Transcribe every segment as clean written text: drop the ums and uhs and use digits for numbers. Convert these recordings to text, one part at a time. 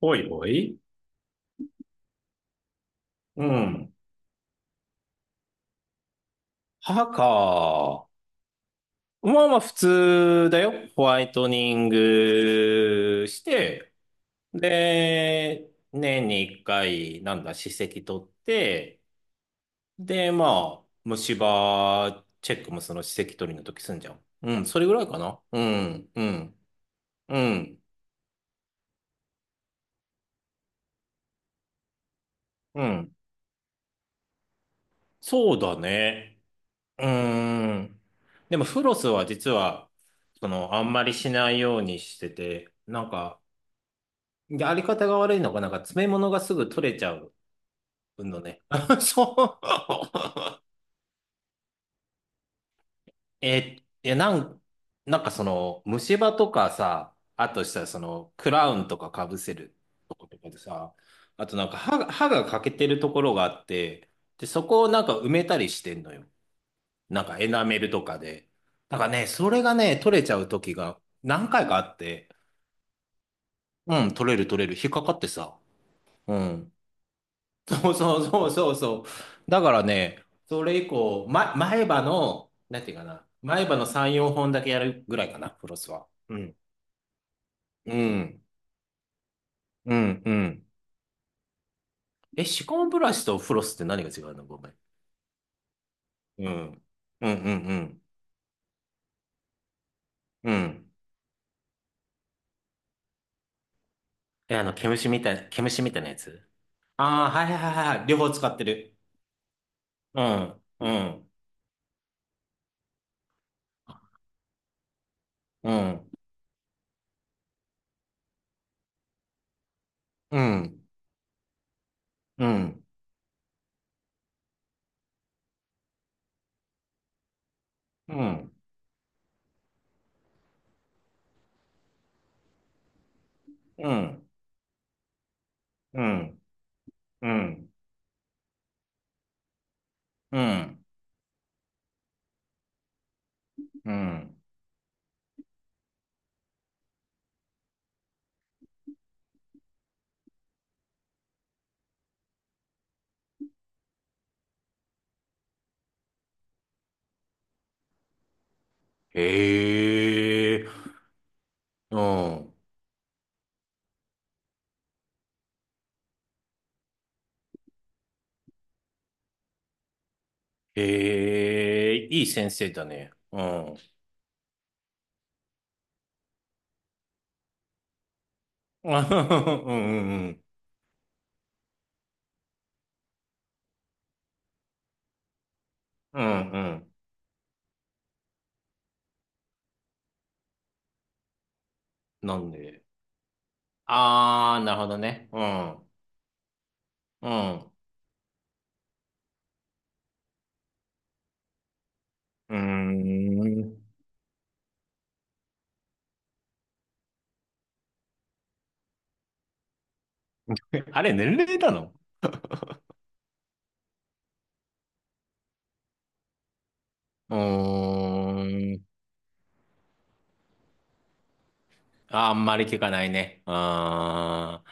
おいおい。うん。歯か。まあまあ普通だよ。ホワイトニングして、で、年に一回、なんだ、歯石取って、で、まあ、虫歯チェックもその歯石取りの時すんじゃん。うん、それぐらいかな。うん、うん、うん。そうだね。うーん。でもフロスは実は、その、あんまりしないようにしてて、なんか、やり方が悪いのが、なんか詰め物がすぐ取れちゃうのね。そう。えいやなん、なんかその、虫歯とかさ、あとしたらその、クラウンとかかぶせるとことかでさ、あとなんか歯が欠けてるところがあって、で、そこをなんか埋めたりしてんのよ。なんかエナメルとかで。だからね、それがね、取れちゃう時が何回かあって、うん、取れる、引っかかってさ。うん。そうそうそうそうそう。だからね、それ以降、ま、前歯の、なんていうかな。前歯の3、4本だけやるぐらいかな、フロスは。うん。うん。うん。うん。え、歯間ブラシとフロスって何が違うの、ごめん。うん。うんうんうん。うん。え、あの、毛虫みたいなやつ。ああー、はいはいはいはい。両方使ってる。うん。うん。うん。うん。うん。うん。うん。うん。うん。うん。うん。へえ。うん。へえ、いい先生だね。うん。うんうんうん。うんうん。なんで？あー、なるほどね。うん。うん。うーん。あれ、年齢なの？うーん。あんまり聞かないね。あー、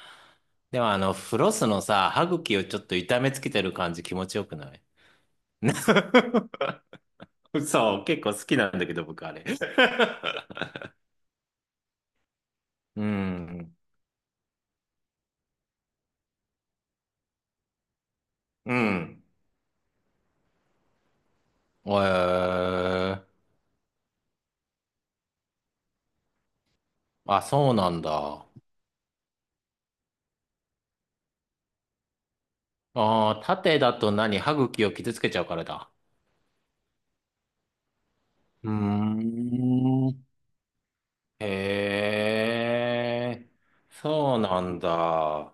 でもあの、フロスのさ、歯茎をちょっと痛めつけてる感じ気持ちよくない？ そう、結構好きなんだけど、僕あれ。うん。うん。えー、あ、そうなんだ。ああ、縦だと何、歯茎を傷つけちゃうからだ。うーん。へえ、そうなんだ。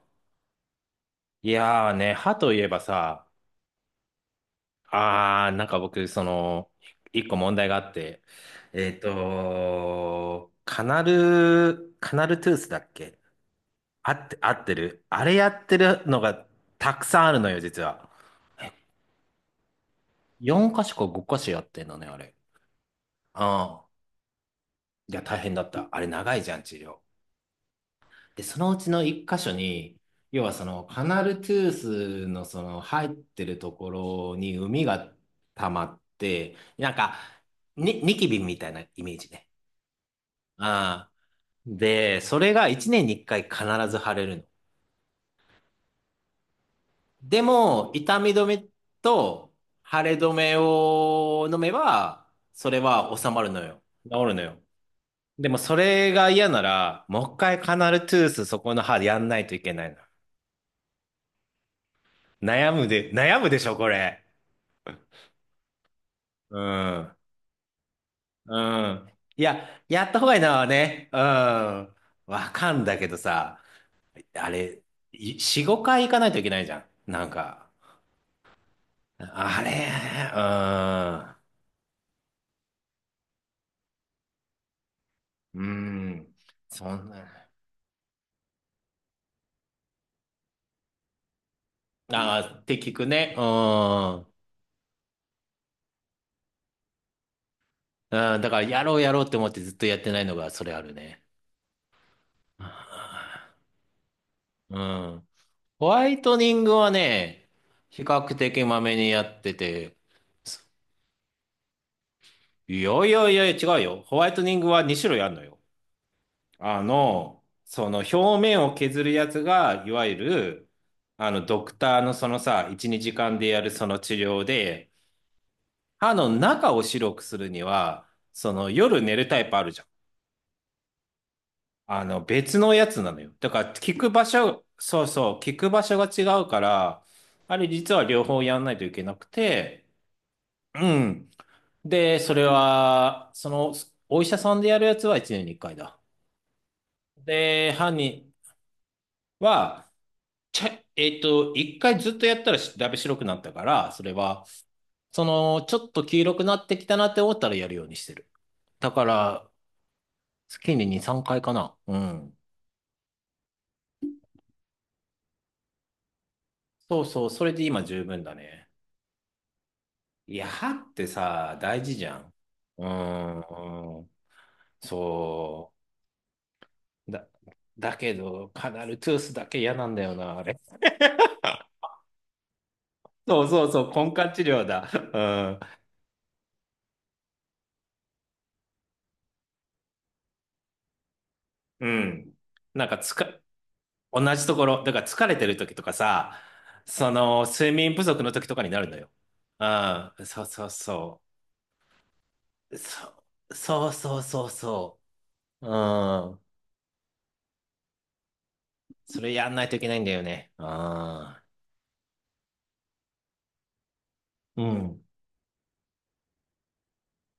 いやーね、歯といえばさ、あー、なんか僕、その、一個問題があって、えっと、カナルトゥースだっけ、あって、合ってる、あれやってるのがたくさんあるのよ、実は。4箇所か5箇所やってんのね、あれ。ああ。いや、大変だった。あれ、長いじゃん、治療。で、そのうちの1箇所に、要はその、カナルトゥースのその、入ってるところに海が溜まって、なんか、ニキビみたいなイメージね。ああ。で、それが1年に1回必ず腫れるの。でも、痛み止めと腫れ止めを飲めば、それは治まるのよ。治るのよ。でもそれが嫌なら、もう一回カナルトゥース、そこの歯でやんないといけないの。悩むでしょ、これ。うん。うん。いや、やった方がいいのはね。うん。わかんだけどさ、あれ、い4、5回行かないといけないじゃん、なんか。あれ。うん。うん。そんな。ああ、って聞くね。うん。うん、だから、やろうやろうって思ってずっとやってないのが、それあるね。うん。ホワイトニングはね、比較的まめにやってて、すいやいやいや違うよ。ホワイトニングは2種類あるのよ。あの、その表面を削るやつが、いわゆる、あの、ドクターのそのさ、1、2時間でやるその治療で、歯の中を白くするには、その夜寝るタイプあるじゃん。あの、別のやつなのよ。だから、効く場所、そうそう、効く場所が違うから、あれ実は両方やんないといけなくて。うん。で、それは、その、お医者さんでやるやつは1年に1回だ。で、犯人は、ちゃ、えっと、1回ずっとやったらだいぶ白くなったから、それは、その、ちょっと黄色くなってきたなって思ったらやるようにしてる。だから、月に2、3回かいかな。うん。そうそう、それで今十分だね。いや、歯ってさ、大事じゃん。うーん、そう。だ、だけど、カナルトゥースだけ嫌なんだよな、あれ。そうそうそう、根管治療だ。うん。うん。なんかつか、同じところ、だから疲れてる時とかさ、その、睡眠不足の時とかになるのよ。うん。そうそうそう。そうそうそうそう。うん。それやんないといけないんだよね。うん。うん。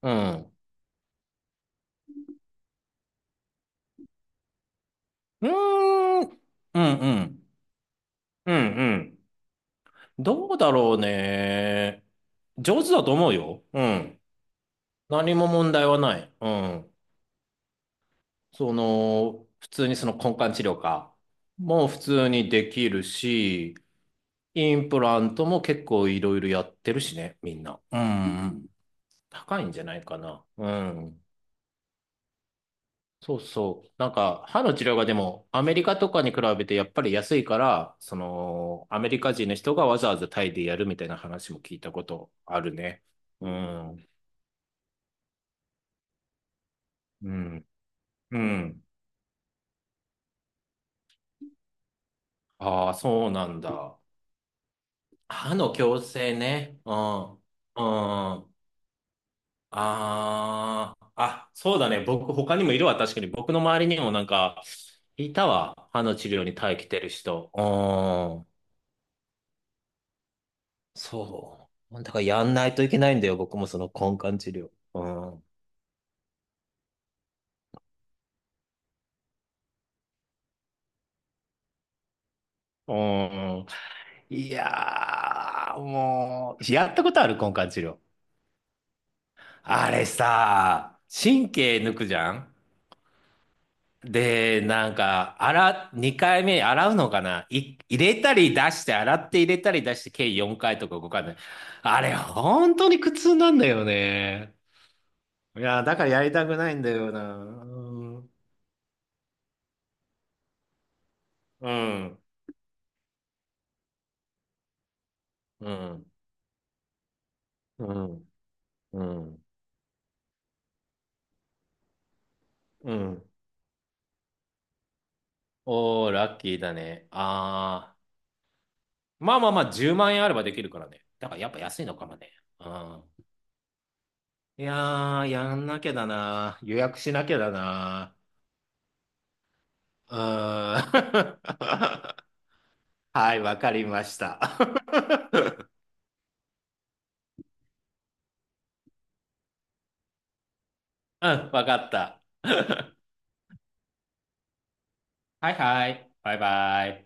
うん。うーん。うんうん。うんうん。どうだろうね。上手だと思うよ。うん。何も問題はない。うん。その、普通にその根幹治療か、もう普通にできるし、インプラントも結構いろいろやってるしね、みんな。うんうん。高いんじゃないかな。うん。そうそう。なんか、歯の治療がでも、アメリカとかに比べてやっぱり安いから、その、アメリカ人の人がわざわざタイでやるみたいな話も聞いたことあるね。うん。うん。うん。ああ、そうなんだ。歯の矯正ね。うん。うん。ああ、あ、そうだね。僕、他にもいるわ。確かに。僕の周りにもなんか、いたわ。歯の治療に耐えきてる人。うーん、そう。だからやんないといけないんだよ、僕もその根管治療。うん。うーん。いやー、もう、やったことある根管治療。あれさ、神経抜くじゃん。で、なんか、2回目洗うのかない入れたり出して、洗って入れたり出して、計4回とか5回で。あれ、本当に苦痛なんだよね。いや、だからやりたくないんだよな。うん。うん。うん。うん。うん。おー、ラッキーだね。あー。まあまあまあ、10万円あればできるからね。だからやっぱ安いのかもね。うん。いやー、やんなきゃだな。予約しなきゃだな。うーん。 はい、わかりました。うん、わかった。はいはい。バイバイ。